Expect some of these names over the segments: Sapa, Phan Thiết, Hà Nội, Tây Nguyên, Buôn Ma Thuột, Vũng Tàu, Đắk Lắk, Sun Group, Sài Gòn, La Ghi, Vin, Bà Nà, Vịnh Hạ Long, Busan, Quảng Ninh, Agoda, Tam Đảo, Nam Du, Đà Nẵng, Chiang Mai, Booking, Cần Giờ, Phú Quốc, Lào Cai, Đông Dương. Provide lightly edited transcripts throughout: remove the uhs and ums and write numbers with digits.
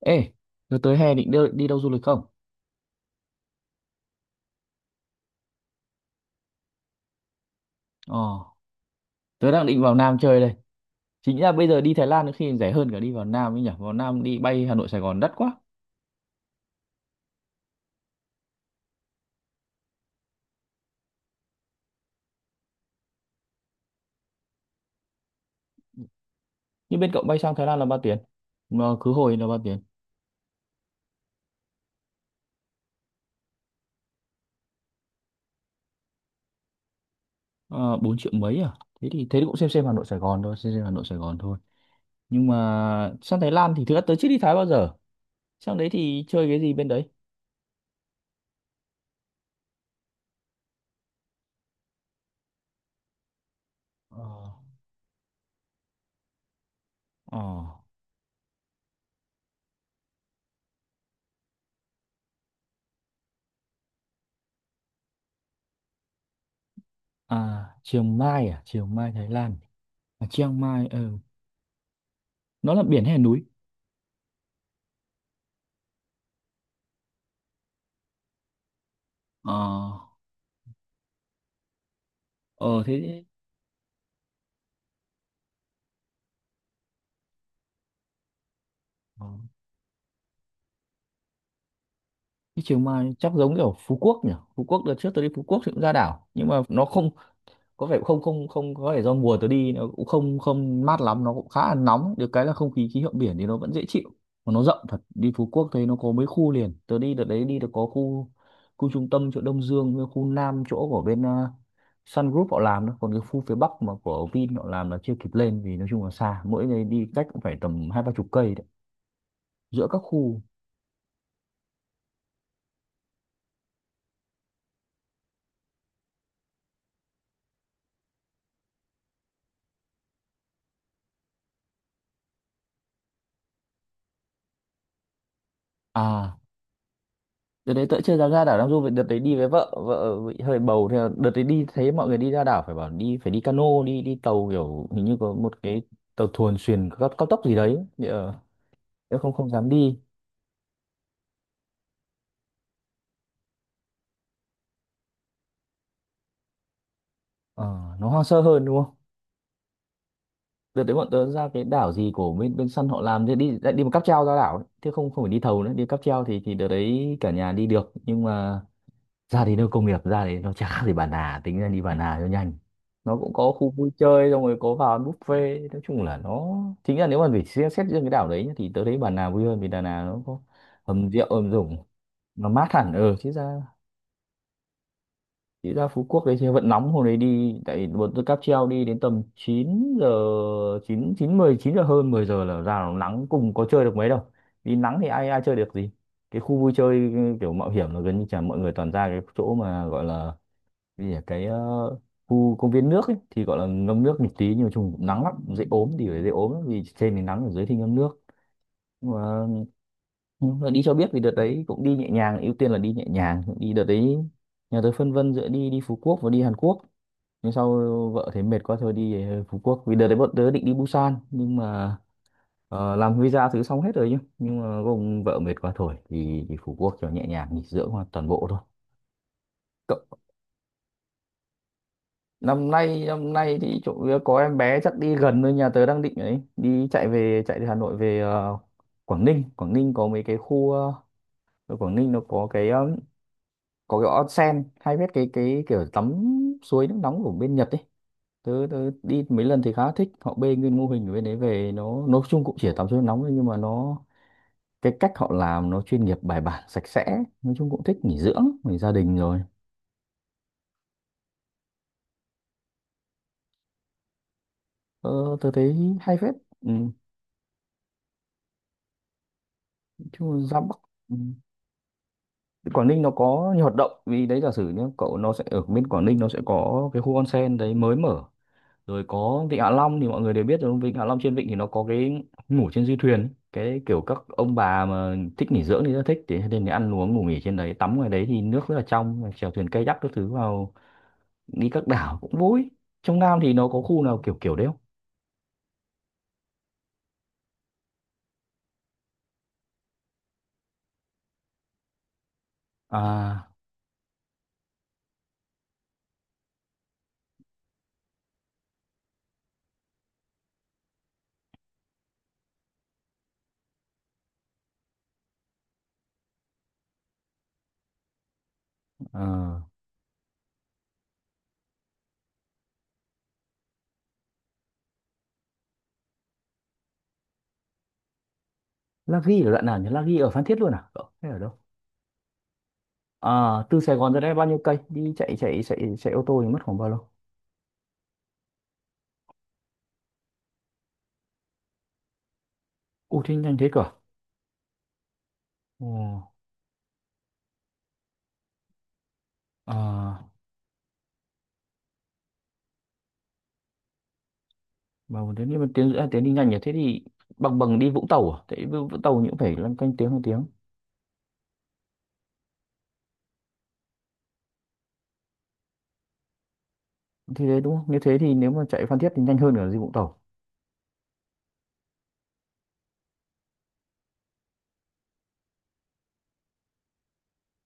Ê, tớ tới hè định đi đâu du lịch không? Ờ, tớ đang định vào Nam chơi đây. Chính ra bây giờ đi Thái Lan có khi rẻ hơn cả đi vào Nam ấy nhỉ? Vào Nam đi bay Hà Nội Sài Gòn đắt quá. Nhưng bên cậu bay sang Thái Lan là bao tiền? Mà khứ hồi là bao tiền? Ờ, 4 triệu mấy à? Thế thì cũng xem Hà Nội Sài Gòn thôi, xem Hà Nội Sài Gòn thôi. Nhưng mà sang Thái Lan thì thực ra tớ chưa đi Thái bao giờ. Sang đấy thì chơi cái gì bên đấy? Ờ, ờ, à, à? Chiang Mai Thái Lan. À, Chiang Mai, ừ. Nó là biển hay là núi? Ờ, ờ thế. Ờ. Cái trường Mai chắc giống kiểu Phú Quốc nhỉ. Phú Quốc đợt trước tôi đi Phú Quốc thì cũng ra đảo nhưng mà nó không có vẻ do mùa tôi đi nó cũng không không mát lắm, nó cũng khá là nóng, được cái là không khí, khí hậu biển thì nó vẫn dễ chịu. Mà nó rộng thật, đi Phú Quốc thấy nó có mấy khu liền, tôi đi đợt đấy đi được có khu, khu trung tâm chỗ Đông Dương với khu Nam chỗ của bên Sun Group họ làm đó, còn cái khu phía Bắc mà của Vin họ làm là chưa kịp lên vì nói chung là xa, mỗi ngày đi cách cũng phải tầm hai ba chục cây đấy giữa các khu. À Đợt đấy tớ chưa dám ra đảo Nam Du vì đợt đấy đi với vợ, vợ bị hơi bầu thì là đợt đấy đi thấy mọi người đi ra đảo phải bảo đi, phải đi cano, đi đi tàu kiểu hình như có một cái tàu thuyền xuyền cao, cao tốc gì đấy thì tớ không không dám đi. Ờ, nó hoang sơ hơn đúng không. Đợt đấy bọn tớ ra cái đảo gì của bên bên săn họ làm thì đi lại đi một cáp treo ra đảo ấy, chứ không không phải đi thầu nữa, đi cáp treo thì đợt đấy cả nhà đi được, nhưng mà ra thì nơi công nghiệp, ra thì nó chả khác gì Bà Nà, tính ra đi Bà Nà cho nhanh. Nó cũng có khu vui chơi, xong rồi có vào ăn buffet, nói chung là nó chính là nếu mà phải xét, xét riêng cái đảo đấy nhá, thì tớ thấy Bà Nà vui hơn vì Đà Nẵng nó có hầm rượu, hầm dùng, nó mát hẳn, ừ, chứ ra, chứ ra Phú Quốc đấy chứ vẫn nóng, hôm đấy đi tại vì bọn tôi cáp treo đi đến tầm 9 giờ, 9 9 10 9 giờ hơn, 10 giờ là ra nó nắng cùng, có chơi được mấy đâu, vì nắng thì ai ai chơi được gì. Cái khu vui chơi kiểu mạo hiểm là gần như chả, mọi người toàn ra cái chỗ mà gọi là, vì ở cái khu công viên nước ấy, thì gọi là ngâm nước một tí, nhưng mà trùng cũng nắng lắm dễ ốm thì phải, dễ ốm lắm, vì trên thì nắng, ở dưới thì ngâm nước. Nhưng mà, nhưng mà đi cho biết, vì đợt đấy cũng đi nhẹ nhàng, ưu tiên là đi nhẹ nhàng đi đợt đấy. Nhà tôi phân vân giữa đi đi Phú Quốc và đi Hàn Quốc, nhưng sau vợ thấy mệt quá thôi đi Phú Quốc, vì đợt đấy bọn tớ định đi Busan, nhưng mà làm visa thứ xong hết rồi nhá, nhưng mà gồm vợ mệt quá thôi thì đi Phú Quốc cho nhẹ nhàng nghỉ dưỡng hoàn toàn bộ thôi. Năm nay thì chỗ có em bé chắc đi gần thôi, nhà tớ đang định ấy đi chạy về, chạy từ Hà Nội về Quảng Ninh. Quảng Ninh có mấy cái khu ở Quảng Ninh nó có cái có cái onsen hay biết cái kiểu tắm suối nước nóng của bên Nhật ấy. Tớ đi mấy lần thì khá thích, họ bê nguyên mô hình ở bên đấy về, nó nói chung cũng chỉ tắm suối nước nóng thôi nhưng mà nó, cái cách họ làm nó chuyên nghiệp, bài bản, sạch sẽ, nói chung cũng thích nghỉ dưỡng, nghỉ gia đình rồi. ờ, Tớ thấy hay phết. Ừ, nói chung là ra Bắc. Ừ. Quảng Ninh nó có nhiều hoạt động, vì đấy giả sử nhé cậu, nó sẽ ở bên Quảng Ninh nó sẽ có cái khu onsen đấy mới mở, rồi có Vịnh Hạ Long thì mọi người đều biết rồi, Vịnh Hạ Long trên vịnh thì nó có cái ngủ trên du thuyền, cái kiểu các ông bà mà thích nghỉ dưỡng thì rất thích, thế nên thì ăn uống ngủ nghỉ trên đấy, tắm ngoài đấy thì nước rất là trong, chèo thuyền kayak các thứ, vào đi các đảo cũng vui. Trong Nam thì nó có khu nào kiểu kiểu đấy không? À, à, La Ghi ở đoạn nào nhỉ, La Ghi ở Phan Thiết luôn à cậu hay ở đâu? À, từ Sài Gòn ra đây bao nhiêu cây, đi chạy chạy chạy chạy ô tô thì mất khoảng bao lâu? Ủa thế nhanh thế cơ à? Ồ, à, mà thế nhưng mà tiếng à, tiếng đi nhanh nhỉ? Thế thì bằng bằng đi Vũng Tàu à? Thế Vũng Vũng Tàu cũng phải lăn canh tiếng hai tiếng. Thì đấy đúng không? Nếu thế thì nếu mà chạy Phan Thiết thì nhanh hơn cả đi Vũng Tàu.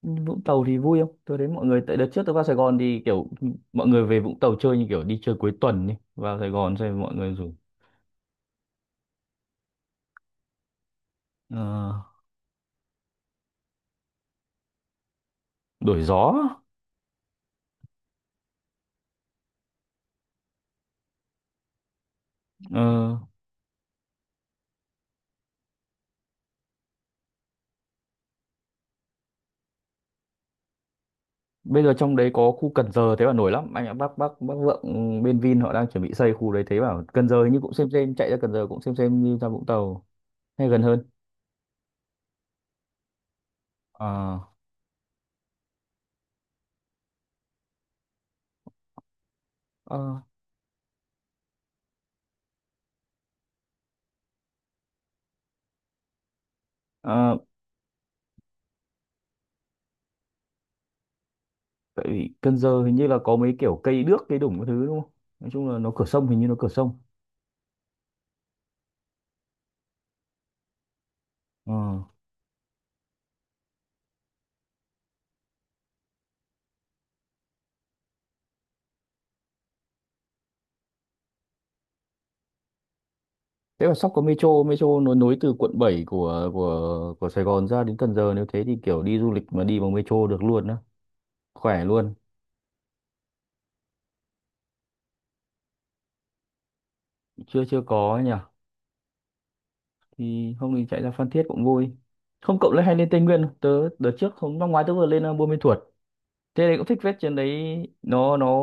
Nhưng Vũng Tàu thì vui không? Tôi đến mọi người tại đợt trước tôi vào Sài Gòn thì kiểu mọi người về Vũng Tàu chơi như kiểu đi chơi cuối tuần đi. Vào Sài Gòn xem mọi người rủ ờ, đổi gió. Ờ, bây giờ trong đấy có khu Cần Giờ, thế bảo nổi lắm anh ạ, bác Vượng ừ, bên Vin họ đang chuẩn bị xây khu đấy, thế bảo Cần Giờ hình như cũng xem, chạy ra Cần Giờ cũng xem như ra Vũng Tàu hay gần hơn. ờ ờ ờ, tại vì Cần Giờ hình như là có mấy kiểu cây đước cây đủng cái thứ đúng không, nói chung là nó cửa sông, hình như nó cửa sông. ờ Thế mà sắp có metro, metro nó nối từ quận 7 của Sài Gòn ra đến Cần Giờ, nếu thế thì kiểu đi du lịch mà đi bằng metro được luôn á, khỏe luôn. Chưa chưa có ấy nhỉ. Thì hôm mình chạy ra Phan Thiết cũng vui. Không cậu lại hay lên Tây Nguyên không? Tớ đợt trước hôm năm ngoái tớ vừa lên Buôn Ma Thuột, thế này cũng thích phết trên đấy, nó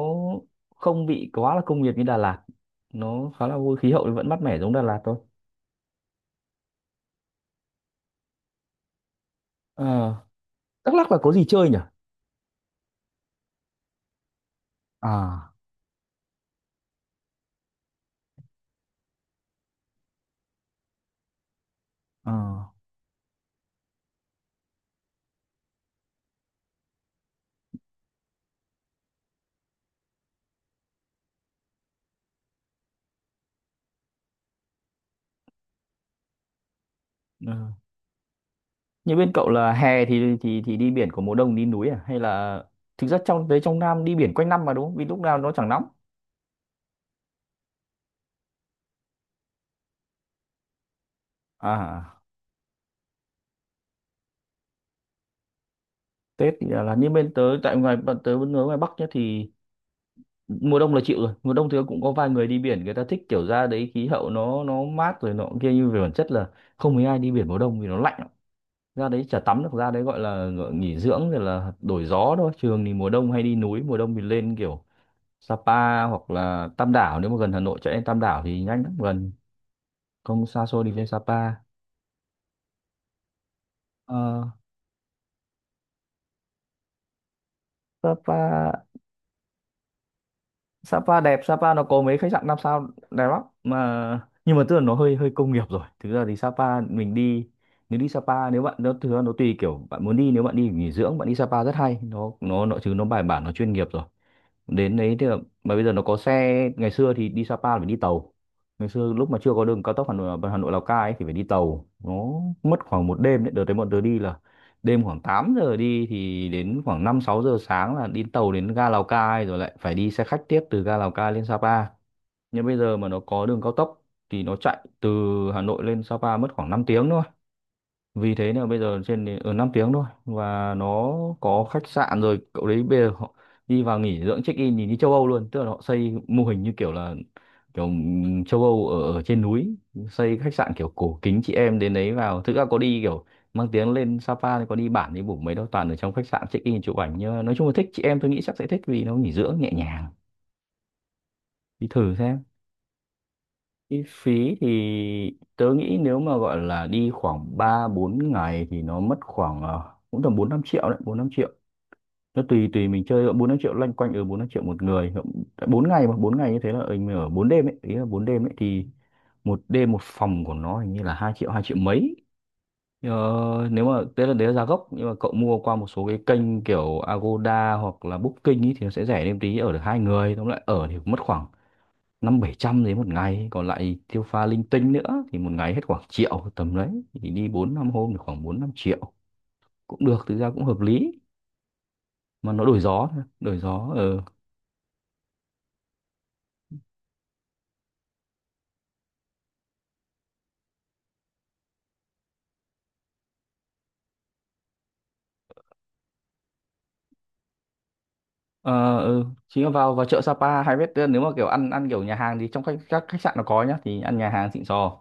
không bị quá là công nghiệp như Đà Lạt, nó khá là vui, khí hậu thì vẫn mát mẻ giống Đà Lạt thôi. Ờ, Đắk Lắk là có gì chơi nhỉ? À, ờ, ờ. Như bên cậu là hè thì thì đi biển, của mùa đông đi núi à, hay là thực ra trong đấy, trong Nam đi biển quanh năm mà đúng không, vì lúc nào nó chẳng nóng. À, Tết thì là như bên tớ tại ngoài, bọn tớ vẫn ở ngoài Bắc nhá, thì mùa đông là chịu rồi, mùa đông thì cũng có vài người đi biển, người ta thích kiểu ra đấy khí hậu nó mát rồi nọ kia, nhưng về bản chất là không mấy ai đi biển mùa đông vì nó lạnh lắm. Ra đấy chả tắm được, ra đấy gọi là gọi nghỉ dưỡng rồi là đổi gió thôi, trường thì mùa đông hay đi núi, mùa đông thì lên kiểu Sapa hoặc là Tam Đảo, nếu mà gần Hà Nội chạy lên Tam Đảo thì nhanh lắm, gần không xa xôi, đi lên Sapa. Ờ, Sapa, Sapa đẹp, Sapa nó có mấy khách sạn 5 sao đẹp lắm mà, nhưng mà tức là nó hơi hơi công nghiệp rồi, thực ra thì Sapa mình đi, nếu đi Sapa nếu bạn nó thực ra nó tùy kiểu bạn muốn đi, nếu bạn đi nghỉ dưỡng bạn đi Sapa rất hay, nó nó chứ nó bài bản, nó chuyên nghiệp rồi, đến đấy thì mà bây giờ nó có xe, ngày xưa thì đi Sapa là phải đi tàu, ngày xưa lúc mà chưa có đường cao tốc Hà Nội, Lào Cai ấy, thì phải đi tàu, nó mất khoảng một đêm đấy, đợt đấy bọn tớ đi là đêm khoảng 8 giờ đi thì đến khoảng 5, 6 giờ sáng là đi tàu đến ga Lào Cai, rồi lại phải đi xe khách tiếp từ ga Lào Cai lên Sapa. Nhưng bây giờ mà nó có đường cao tốc thì nó chạy từ Hà Nội lên Sapa mất khoảng 5 tiếng thôi, vì thế là bây giờ trên ở 5 tiếng thôi, và nó có khách sạn rồi cậu đấy, bây giờ họ đi vào nghỉ dưỡng check in nhìn như châu Âu luôn, tức là họ xây mô hình như kiểu là kiểu châu Âu ở, ở trên núi, xây khách sạn kiểu cổ kính, chị em đến đấy vào thực ra có đi kiểu mang tiếng lên Sapa thì có đi bản đi bủng mấy đâu, toàn ở trong khách sạn check in chụp ảnh, nhưng mà nói chung là thích, chị em tôi nghĩ chắc sẽ thích vì nó nghỉ dưỡng nhẹ nhàng, đi thử xem. Chi phí thì tớ nghĩ nếu mà gọi là đi khoảng 3, 4 ngày thì nó mất khoảng cũng tầm 4, 5 triệu đấy, 4, 5 triệu. Nó tùy tùy mình chơi, 4, 5 triệu loanh quanh ở 4, 5 triệu một người. Bốn ngày mà, 4 ngày như thế là mình ở 4 đêm ấy, ý là 4 đêm ấy thì một đêm một phòng của nó hình như là 2 triệu, 2 triệu mấy. Ờ, nếu mà tức là đấy là giá gốc, nhưng mà cậu mua qua một số cái kênh kiểu Agoda hoặc là Booking ý thì nó sẽ rẻ, thêm tí ở được hai người, tóm lại ở thì cũng mất khoảng 5, 7 trăm đấy một ngày, còn lại tiêu pha linh tinh nữa thì một ngày hết khoảng triệu, tầm đấy thì đi 4, 5 hôm thì khoảng 4, 5 triệu cũng được, thực ra cũng hợp lý, mà nó đổi gió thôi, đổi gió. Ờ, ờ, ừ, chính là vào vào chợ Sapa hay biết, nếu mà kiểu ăn ăn kiểu nhà hàng thì trong khách, các khách sạn nó có nhá, thì ăn nhà hàng xịn sò,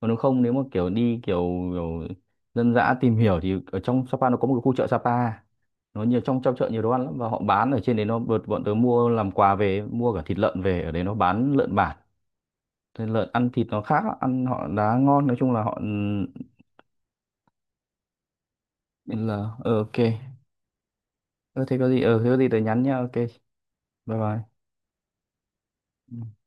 còn nếu không nếu mà kiểu đi kiểu, kiểu dân dã tìm hiểu thì ở trong Sapa nó có một cái khu chợ Sapa, nó nhiều, trong trong chợ nhiều đồ ăn lắm, và họ bán ở trên đấy, nó bọn bọn tớ mua làm quà về, mua cả thịt lợn về, ở đấy nó bán lợn bản, lợn ăn thịt nó khác á, ăn họ đá ngon, nói chung là họ. Ừ, là ok. Ờ, thế có gì tớ nhắn nha, ok, bye bye. Ừ.